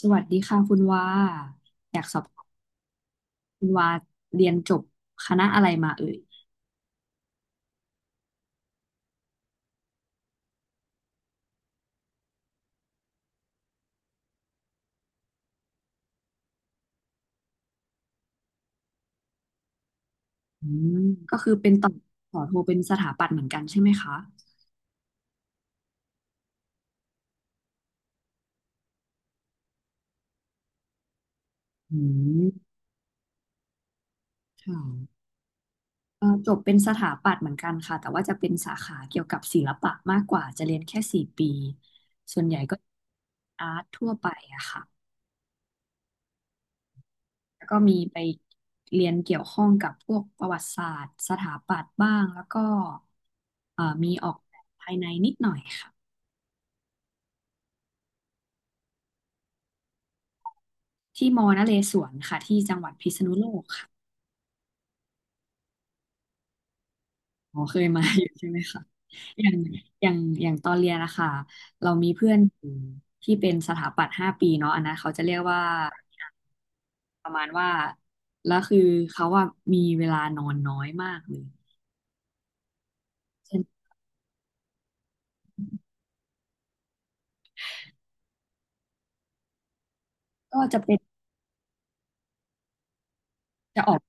สวัสดีค่ะคุณว่าอยากสอบถามคุณว่าเรียนจบคณะอะไรมาเอ่ยอืมก็คือเป็นต่อโทเป็นสถาปัตย์เหมือนกันใช่ไหมคะอืมค่ะจบเป็นสถาปัตย์เหมือนกันค่ะแต่ว่าจะเป็นสาขาเกี่ยวกับศิลปะมากกว่าจะเรียนแค่4 ปี ส่วนใหญ่ก็อาร์ตทั่วไปอะค่ะแล้วก็มีไปเรียนเกี่ยวข้องกับพวกประวัติศาสตร์สถาปัตย์บ้างแล้วก็มีออกแบบภายในนิดหน่อยค่ะ ที่มอนเรศวรค่ะที่จังหวัดพิษณุโลกค่ะอ๋อเคยมาอยู่ใช่ไหมคะอย่างอย่างอย่างตอนเรียนนะคะเรามีเพื่อนอยู่ที่เป็นสถาปัตย์ห้าปีเนาะอันนั้นเขาจะเรียกว่าประมาณว่าแล้วคือเขาว่ามีเวลานอนน้อยมากเลยฉะนันก็จะเป็นจะออก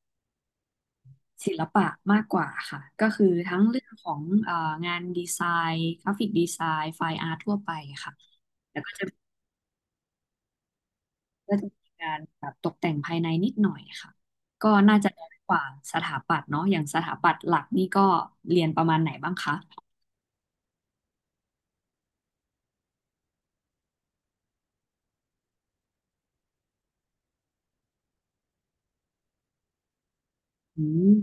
ศิลปะมากกว่าค่ะก็คือทั้งเรื่องของงานดีไซน์กราฟิกดีไซน์ไฟอาร์ตทั่วไปค่ะแล้วก็จะมีการแบบตกแต่งภายในนิดหน่อยค่ะก็น่าจะน้อยกว่าสถาปัตย์เนาะอย่างสถาปัตย์หลักนี่ก็เรียนประมาณไหนบ้างคะอืม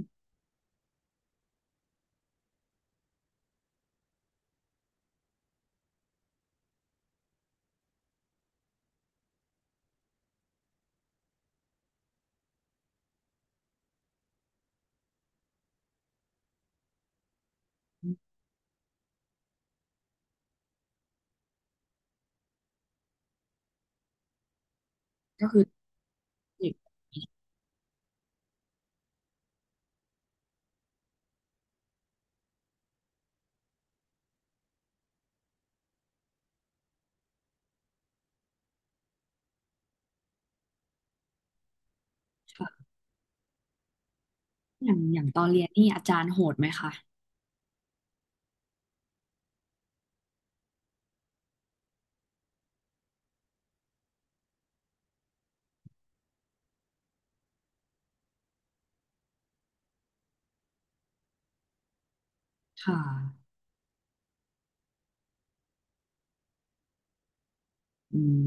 ก็คือเด็กค่ะอย่างตอนเรียนนี่อาจารย์โหดไหมคะค่ะอืม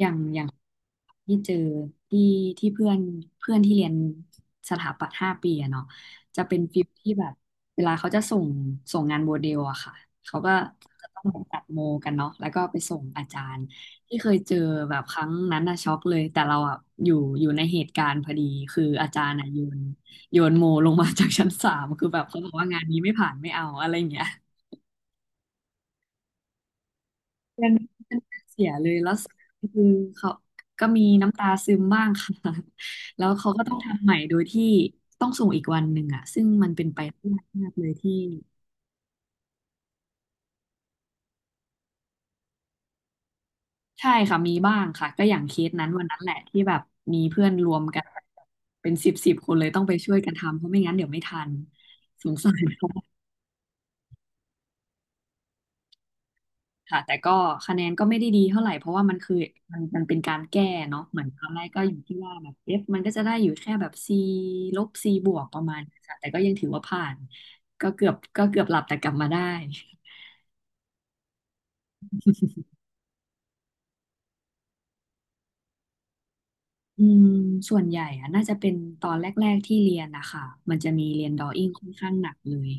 อย่างที่เจอที่ที่เพื่อนเพื่อนที่เรียนสถาปัตย์ห้าปีอะเนาะจะเป็นฟิลที่แบบเวลาเขาจะส่งงานโมเดลอะค่ะเขาก็จะต้องตัดโมกันเนาะแล้วก็ไปส่งอาจารย์ที่เคยเจอแบบครั้งนั้นอะช็อกเลยแต่เราอะอยู่อยู่ในเหตุการณ์พอดีคืออาจารย์อะโยนโมลงมาจากชั้น 3คือแบบเขาบอกว่างานนี้ไม่ผ่านไม่เอาอะไรอย่างเงี้ย เสียเลยแล้วสุดท้ายคือเขาก็มีน้ำตาซึมบ้างค่ะ แล้วเขาก็ต้องทำใหม่โดยที่ต้องส่งอีกวันหนึ่งอะซึ่งมันเป็นไปไม่ได้ยากมากเลยที่ใช่ค่ะมีบ้างค่ะก็อย่างเคสนั้นวันนั้นแหละที่แบบมีเพื่อนรวมกันเป็นสิบสิบคนเลยต้องไปช่วยกันทำเพราะไม่งั้นเดี๋ยวไม่ทันสงสาร ค่ะแต่ก็คะแนนก็ไม่ได้ดีเท่าไหร่เพราะว่ามันคือมันเป็นการแก้เนาะเหมือนตอนแรกก็อยู่ที่ว่าแบบ F มันก็จะได้อยู่แค่แบบ C ลบ C บวกประมาณนี้ค่ะแต่ก็ยังถือว่าผ่านก็เกือบหลับแต่กลับมาได้อืมส่วนใหญ่อะน่าจะเป็นตอนแรกๆที่เรียนนะคะมันจะมีเรียนด r อ w i n g ค่อนข้างหนักเลย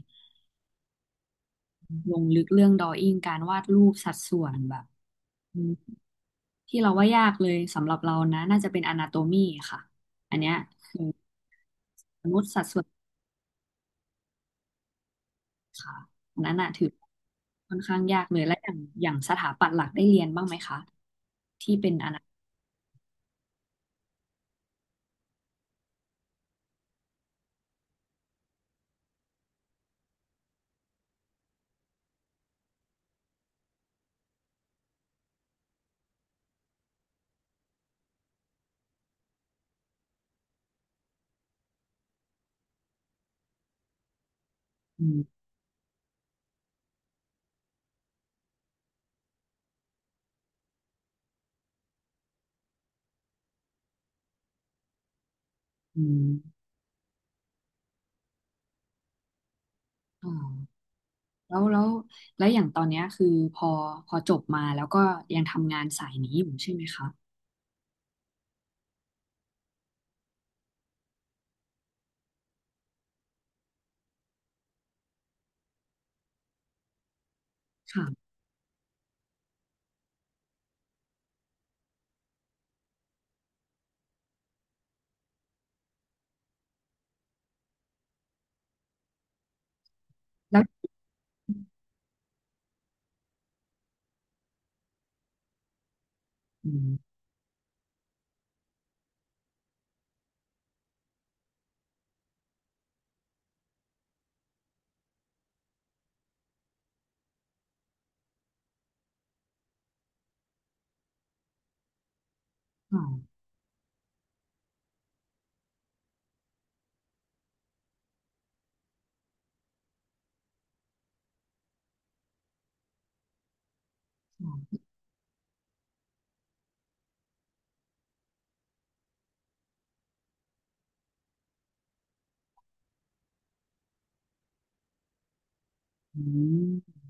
ลงลึกเรื่องด r a w i n g การวาดรูปสัดส่วนแบบอืมที่เราว่ายากเลยสำหรับเรานะน่าจะเป็น a นาโตมีค่ะอันเนี้ยคือมนุษย์สัดส่วน ค่ะอันนั้นน่ะถือค่อนข้างยากเลยและอย่างสถาปัตย์หลักได้เรียนบ้างไหมคะที่เป็นอนาอืมอืมอ๋อแล้วอย่างตอนเนี้ยคือพอพอจบมาแล้วก็ยังทำงานสายนี้อยู่ใช่ไหมคะค่ะแล้วอืมอ๋ออ๋ออืม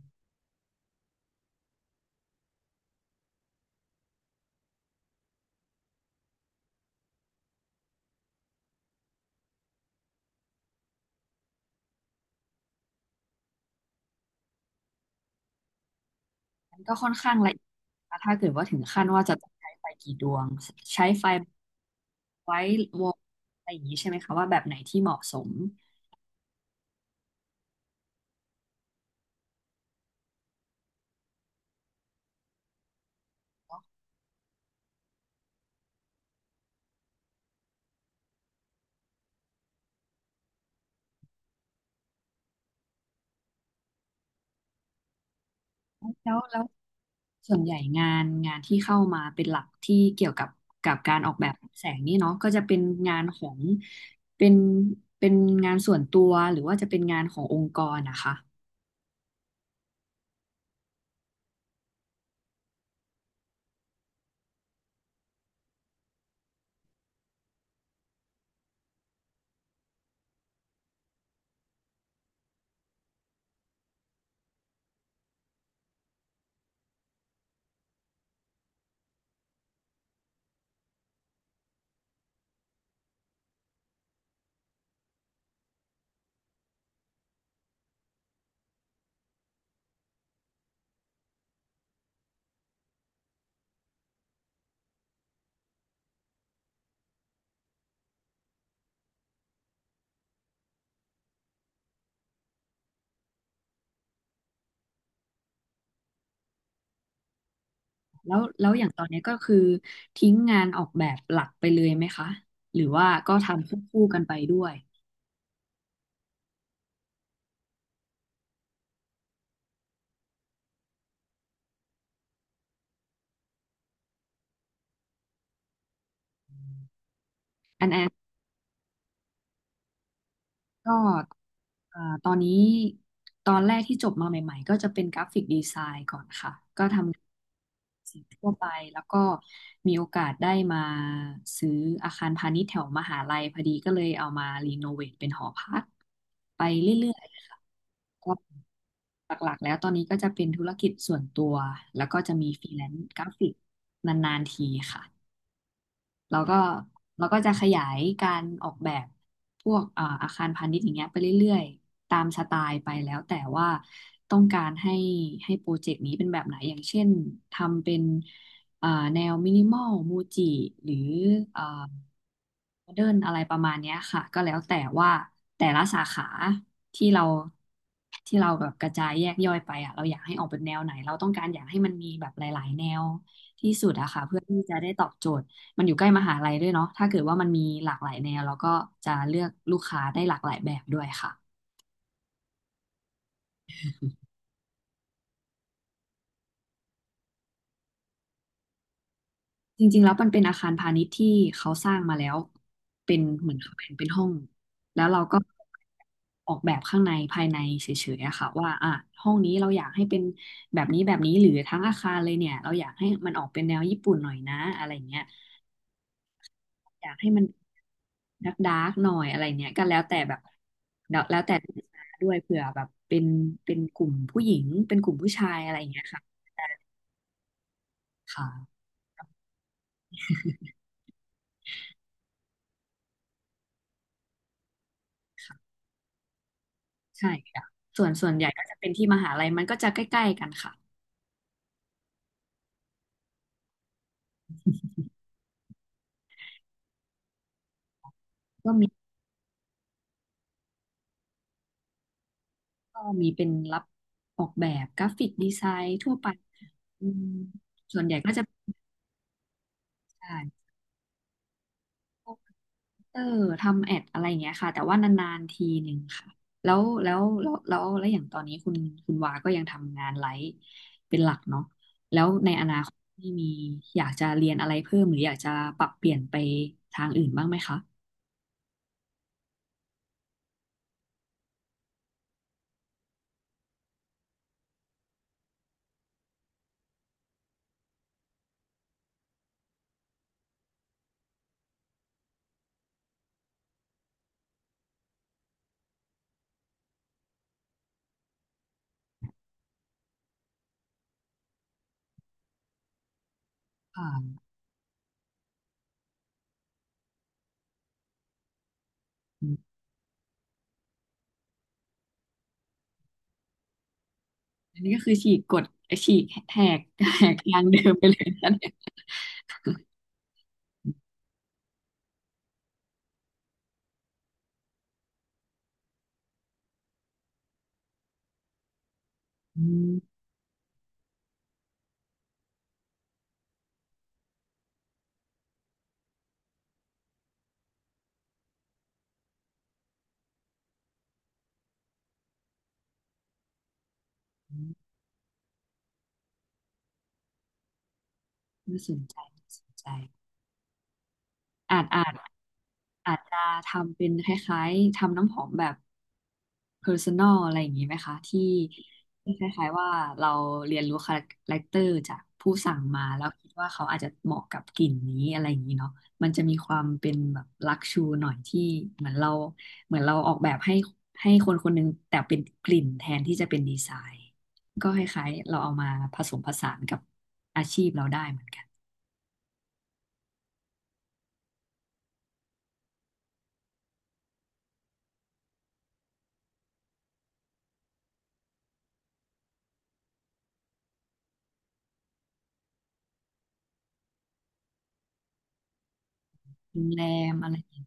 มันก็ค่อนข้างละเอียดนะถ้าเกิดว่าถึงขั้นว่าจะต้องใช้ไฟกี่ดวงใช้ไฟไว้วงอะไรอย่างนี้ใช่ไหมคะว่าแบบไหนที่เหมาะสมแล้ว ส่วนใหญ่งานที่เข้ามาเป็นหลักที่เกี่ยวกับการออกแบบแสงนี่เนาะก็จะเป็นงานของเป็นเป็นงานส่วนตัวหรือว่าจะเป็นงานขององค์กรนะคะแล้วอย่างตอนนี้ก็คือทิ้งงานออกแบบหลักไปเลยไหมคะหรือว่าก็ทำควบคู่กันไปด้วยอัน ก็เอ่อตอนนี้ตอนแรกที่จบมาใหม่ๆก็จะเป็นกราฟิกดีไซน์ก่อนค่ะ ก็ทำสิ่งทั่วไป แล้วก็มีโอกาสได้มาซื้ออาคารพาณิชย์แถวมหาลัยพอดีก็เลยเอามารีโนเวทเป็นหอพักไปเรื่อยๆค่ะก็หลักๆแล้วตอนนี้ก็จะเป็นธุรกิจส่วนตัว แล้วก็จะมีฟรีแลนซ์กราฟิกนานๆทีค่ะ เราก็เราก็จะขยายการออกแบบพวกอาคารพาณิชย์อย่างเงี้ยไปเรื่อยๆตามสไตล์ไปแล้วแต่ว่าต้องการให้โปรเจกต์นี้เป็นแบบไหนอย่างเช่นทำเป็นเอ่อแนวมินิมอลมูจิหรือเอ่อโมเดิร์นอะไรประมาณเนี้ยค่ะก็แล้วแต่ว่าแต่ละสาขาที่เราที่เราแบบกระจายแยกย่อยไปอ่ะเราอยากให้ออกเป็นแนวไหนเราต้องการอยากให้มันมีแบบหลายๆแนวที่สุดอะค่ะเพื่อที่จะได้ตอบโจทย์ มันอยู่ใกล้มหาลัยด้วยเนาะถ้าเกิดว่ามันมีหลากหลายแนวเราก็จะเลือกลูกค้าได้หลากหลายแบบด้วยค่ะ จริงๆแล้วมันเป็นอาคารพาณิชย์ที่เขาสร้างมาแล้วเป็นเหมือนเขาแบ่งเป็นห้องแล้วเราก็ออกแบบข้างในภายในเฉยๆอะค่ะว่าอ่ะห้องนี้เราอยากให้เป็นแบบนี้แบบนี้หรือทั้งอาคารเลยเนี่ยเราอยากให้มันออกเป็นแนวญี่ปุ่นหน่อยนะอะไรเงี้ย อยากให้มันดักดาร์กๆหน่อยอะไรเนี้ยก็แล้วแต่แบบแล้วแล้วแต่ลูกค้าด้วยเผื่อแบบเป็นกลุ่มผู้หญิงเป็นกลุ่มผู้ชายอะไรอย่างเงี้ยค่ะค่ะค่ะใช่ค่ะส่วนใหญ่ก็จะเป็นที่มหาลัยมันก็จะใกล้ๆกันค่ะก็มีก็มีเป็นรับออกแบบกราฟิกดีไซน์ทั่วไปอืมส่วนใหญ่ก็จะใช่ เออทำแอดอะไรอย่างเงี้ยค่ะแต่ว่านานๆทีหนึ่งค่ะแล้วอย่างตอนนี้คุณวาก็ยังทำงานไลฟ์เป็นหลักเนาะแล้วในอนาคตนี่มีอยากจะเรียนอะไรเพิ่มหรืออยากจะปรับเปลี่ยนไปทางอื่นบ้างไหมคะอ่าอมอันนี้ก็คือฉีกกฎฉีกแหกแหกทางเดิมไปเลยนะเนี่ยอืมอืมน่าสนใจน่าสนใจอาจอาจอาจจะทำเป็นคล้ายๆทำน้ำหอมแบบ personal อะไรอย่างนี้ไหมคะที่คล้ายๆว่าเราเรียนรู้คาแรคเตอร์จากผู้สั่งมาแล้วคิดว่าเขาอาจจะเหมาะกับกลิ่นนี้อะไรอย่างนี้เนาะมันจะมีความเป็นแบบลักชูหน่อยที่เหมือนเราเหมือนเราออกแบบให้คนคนหนึงแต่เป็นกลิ่นแทนที่จะเป็นดีไซน์ก็คล้ายๆเราเอามาผสมผสานกับอาชีพเราได้เหมือนกันโรงแรมอะไรอย่างนี้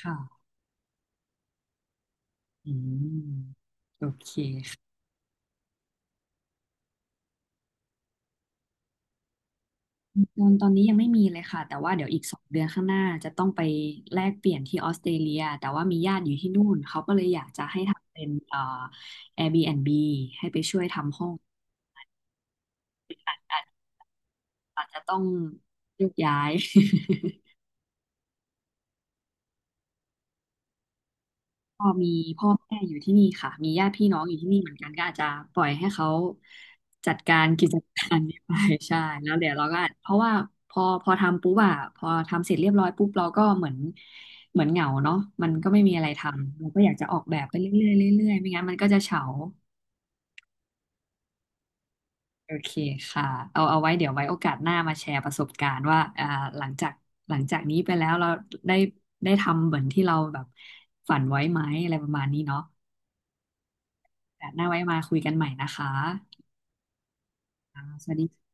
ค่ะอืมโอเค ตอนนี้ยังไม่มีเลยค่ะแต่ว่าเดี๋ยวอีก2 เดือนข้างหน้าจะต้องไปแลกเปลี่ยนที่ออสเตรเลียแต่ว่ามีญาติอยู่ที่นู่นเขาก็เลยอยากจะให้ทำเป็นAirbnb ให้ไปช่วยทำห้องอาจจะต้องโยกย้าย ก็มีพ่อแม่อยู่ที่นี่ค่ะมีญาติพี่น้องอยู่ที่นี่เหมือนกันก็อาจจะปล่อยให้เขาจัดการกิจการนี้ไป ใช่แล้วเดี๋ยวเราก็อาจเพราะว่าพอทำปุ๊บอะพอทำเสร็จเรียบร้อยปุ๊บเราก็เหมือนเหงาเนาะมันก็ไม่มีอะไรทำเราก็อยากจะออกแบบไปเรื่อยๆเรื่อยๆไม่งั้นมันก็จะเฉาโอเคค่ะเอาไว้เดี๋ยวไว้โอกาสหน้ามาแชร์ประสบการณ์ว่าหลังจากหลังจากนี้ไปแล้วเราได้ได้ทำเหมือนที่เราแบบฝันไว้ไหมอะไรประมาณนี้เนาะ โอกาสหน้าไว้มาคุยกันใหม่นะคะ สวัสดี